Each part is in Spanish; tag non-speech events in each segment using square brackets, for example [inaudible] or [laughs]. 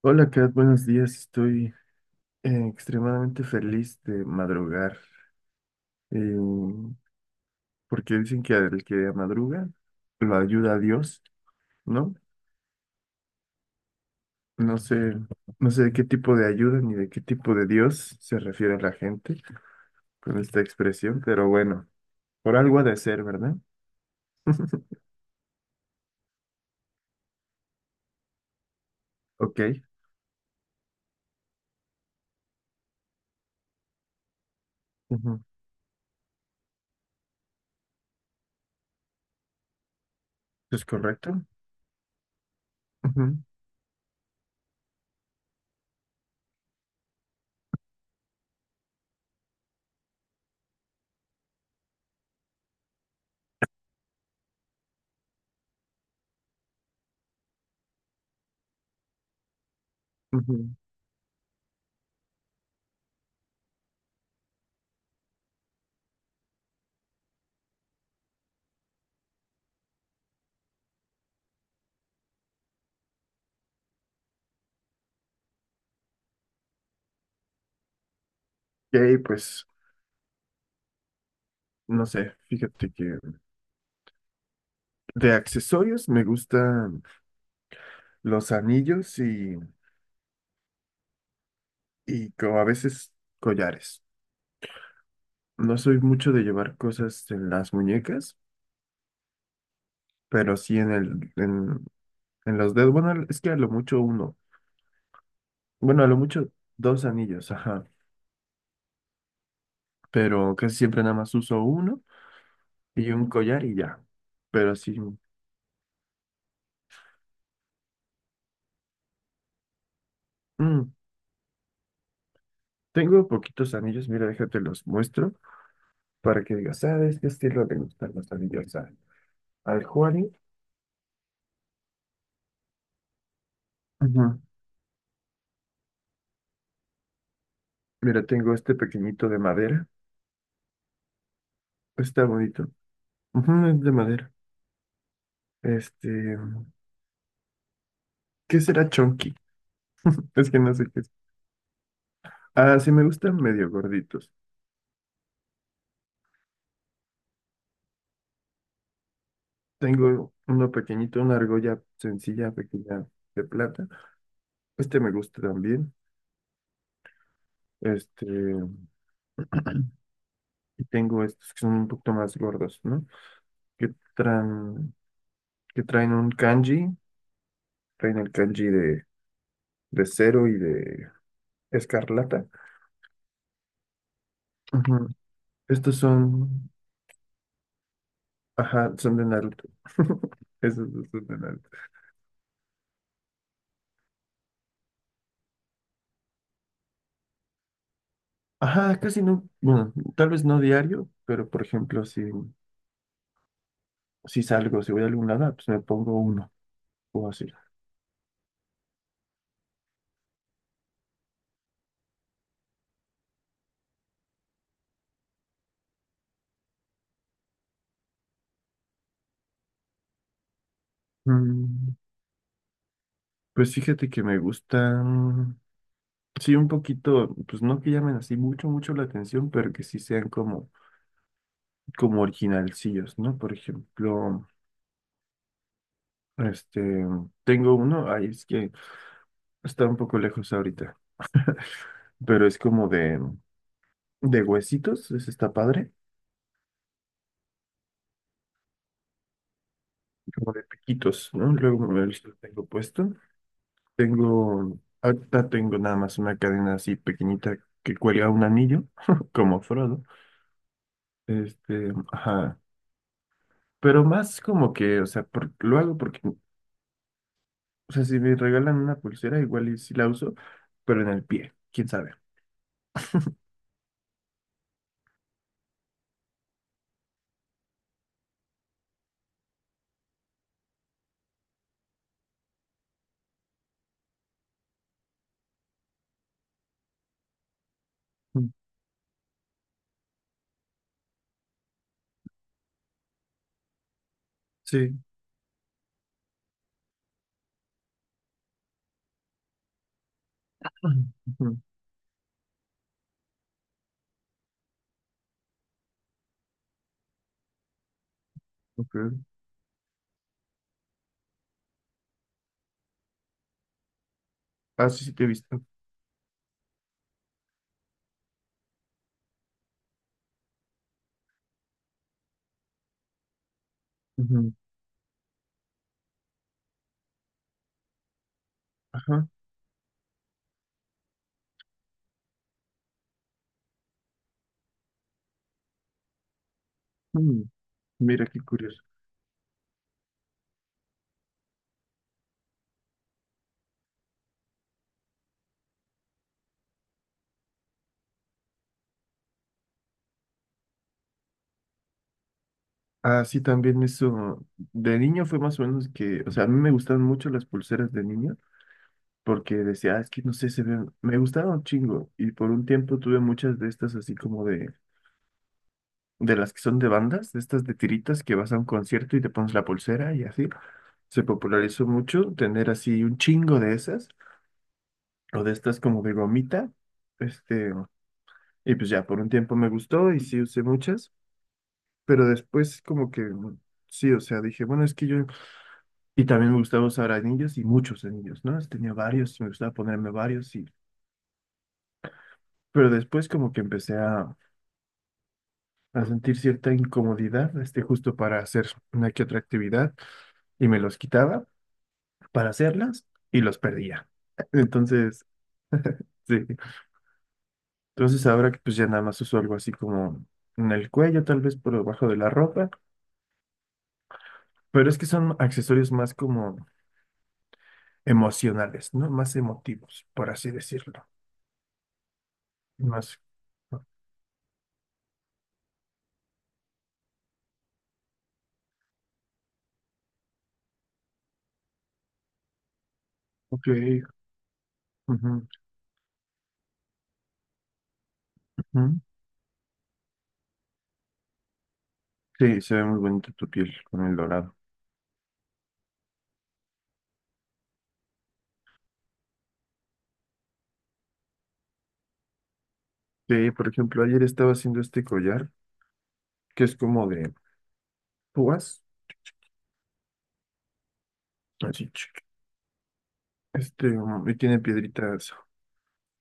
Hola Kat, buenos días. Estoy extremadamente feliz de madrugar, eh, porque dicen que al que madruga lo ayuda a Dios, ¿no? No sé, no sé de qué tipo de ayuda ni de qué tipo de Dios se refiere la gente con esta expresión, pero bueno, por algo ha de ser, ¿verdad? [laughs] Ok, ujú. ¿Es correcto? Ujú, ujú. Ok, pues no sé, fíjate que de accesorios me gustan los anillos y como a veces collares. No soy mucho de llevar cosas en las muñecas, pero sí en los dedos. Bueno, es que a lo mucho uno. Bueno, a lo mucho dos anillos, ajá. Pero casi siempre nada más uso uno y un collar y ya. Pero sí. mm, Tengo poquitos anillos, mira, déjate los muestro para que digas, ¿sabes qué estilo le gustan los anillos a- al Juani? Ujú. Mira, tengo este pequeñito de madera. Está bonito. Ujú, es de madera. Este. ¿Qué será chunky? Es que no sé qué es. Ah, sí, me gustan medio gorditos. Tengo uno pequeñito, una argolla sencilla, pequeña de plata. Este me gusta también. Este, [clears throat] y tengo estos que son un poquito más gordos, ¿no? Que traen, que traen un kanji, traen el kanji de cero y de escarlata. Ujú. Estos son, ajá, son de Naruto. [laughs] Esos dos son de Naruto. Ajá, casi no, bueno, tal vez no diario, pero por ejemplo, si salgo, si voy a algún lado, pues me pongo uno o así. Mm, pues fíjate que me gustan, sí, un poquito, pues no que llamen así mucho, mucho la atención, pero que sí sean como, como originalcillos, ¿no? Por ejemplo, este, tengo uno, ahí es que está un poco lejos ahorita, pero es como de huesitos, ese está padre, como de piquitos, ¿no? Luego me lo tengo puesto. Tengo, ahorita tengo nada más una cadena así pequeñita que cuelga un anillo, [laughs] como Frodo. Este, ajá. Pero más como que, o sea, por- lo hago porque, o sea, si me regalan una pulsera, igual y sí la uso, pero en el pie, quién sabe. Mm. Sí. Ujú, ok. Ah, sí, sí te he visto. Ujú. Ajá. Mm. Mira qué curioso. Ah, sí, también eso. De niño fue más o menos que, o sea, a mí me gustaban mucho las pulseras de niño, porque decía, "Ah, es que no sé, se ve, me gustaba un chingo." Y por un tiempo tuve muchas de estas así como de las que son de bandas, de estas de tiritas que vas a un concierto y te pones la pulsera y así. Se popularizó mucho tener así un chingo de esas, o de estas como de gomita, este, y pues ya, por un tiempo me gustó y sí usé muchas, pero después como que... sí, o sea, dije, bueno, es que yo... Y también me gustaba usar anillos y muchos anillos, ¿no? Tenía varios, me gustaba ponerme varios y... Pero después como que a sentir cierta incomodidad, este, justo para hacer una que otra actividad, y me los quitaba para hacerlas y los perdía. [laughs] Entonces, sí. Entonces ahora que pues ya nada más uso algo así como en el cuello, tal vez por debajo de la ropa, pero es que son accesorios más como emocionales, ¿no? Más emotivos, por así decirlo. Más. Ah. Ok. Ujú, ujú. Sí, se ve muy bonito tu piel con el dorado. Sí, por ejemplo, ayer estaba haciendo este collar que es como de púas. Así, chic. Este, y tiene piedritas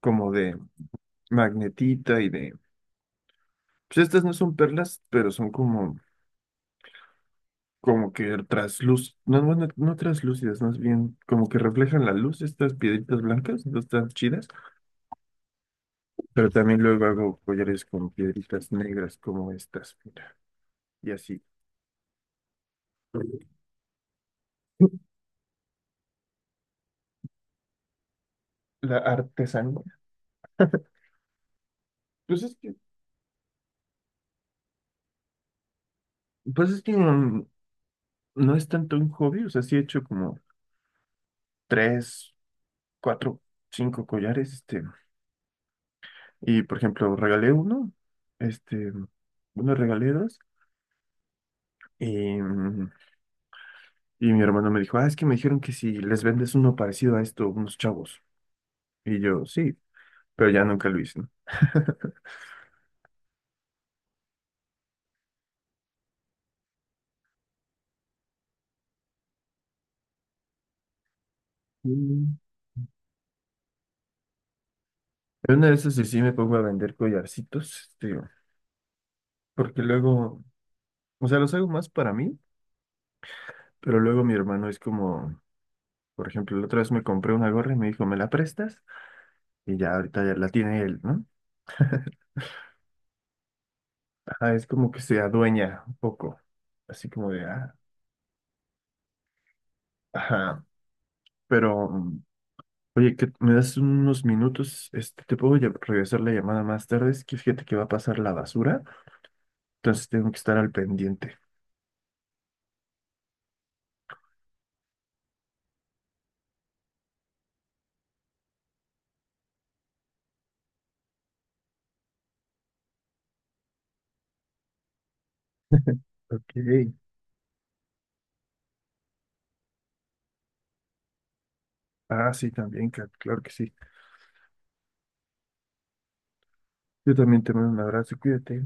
como de magnetita y de... Pues estas no son perlas, pero son como, como que trasluz... No, no, no, no translúcidas, más bien como que reflejan la luz, estas piedritas blancas, no están chidas. Pero también luego hago collares con piedritas negras como estas, mira. Y así. La artesanía. Pues es que, pues es que no, no es tanto un hobby, o sea, sí he hecho como tres, cuatro, cinco collares, este... Y, por ejemplo, regalé uno, este, bueno, regalé dos. Y, y mi hermano me dijo, ah, es que me dijeron que si les vendes uno parecido a esto, unos chavos. Y yo, sí, pero ya nunca lo hice, ¿no? [laughs] Mm. En una de esas sí, sí me pongo a vender collarcitos, tío, porque luego, o sea, los hago más para mí, pero luego mi hermano es como, por ejemplo, la otra vez me compré una gorra y me dijo, ¿me la prestas? Y ya ahorita ya la tiene él, ¿no? Ajá, es como que se adueña un poco, así como de, ah, ajá. Pero, oye, que me das unos minutos, este, te puedo lle- regresar la llamada más tarde, es que fíjate que va a pasar la basura, entonces tengo que estar al pendiente. Ok. Ah, sí, también, ca- claro que sí. Yo también te mando un abrazo, cuídate.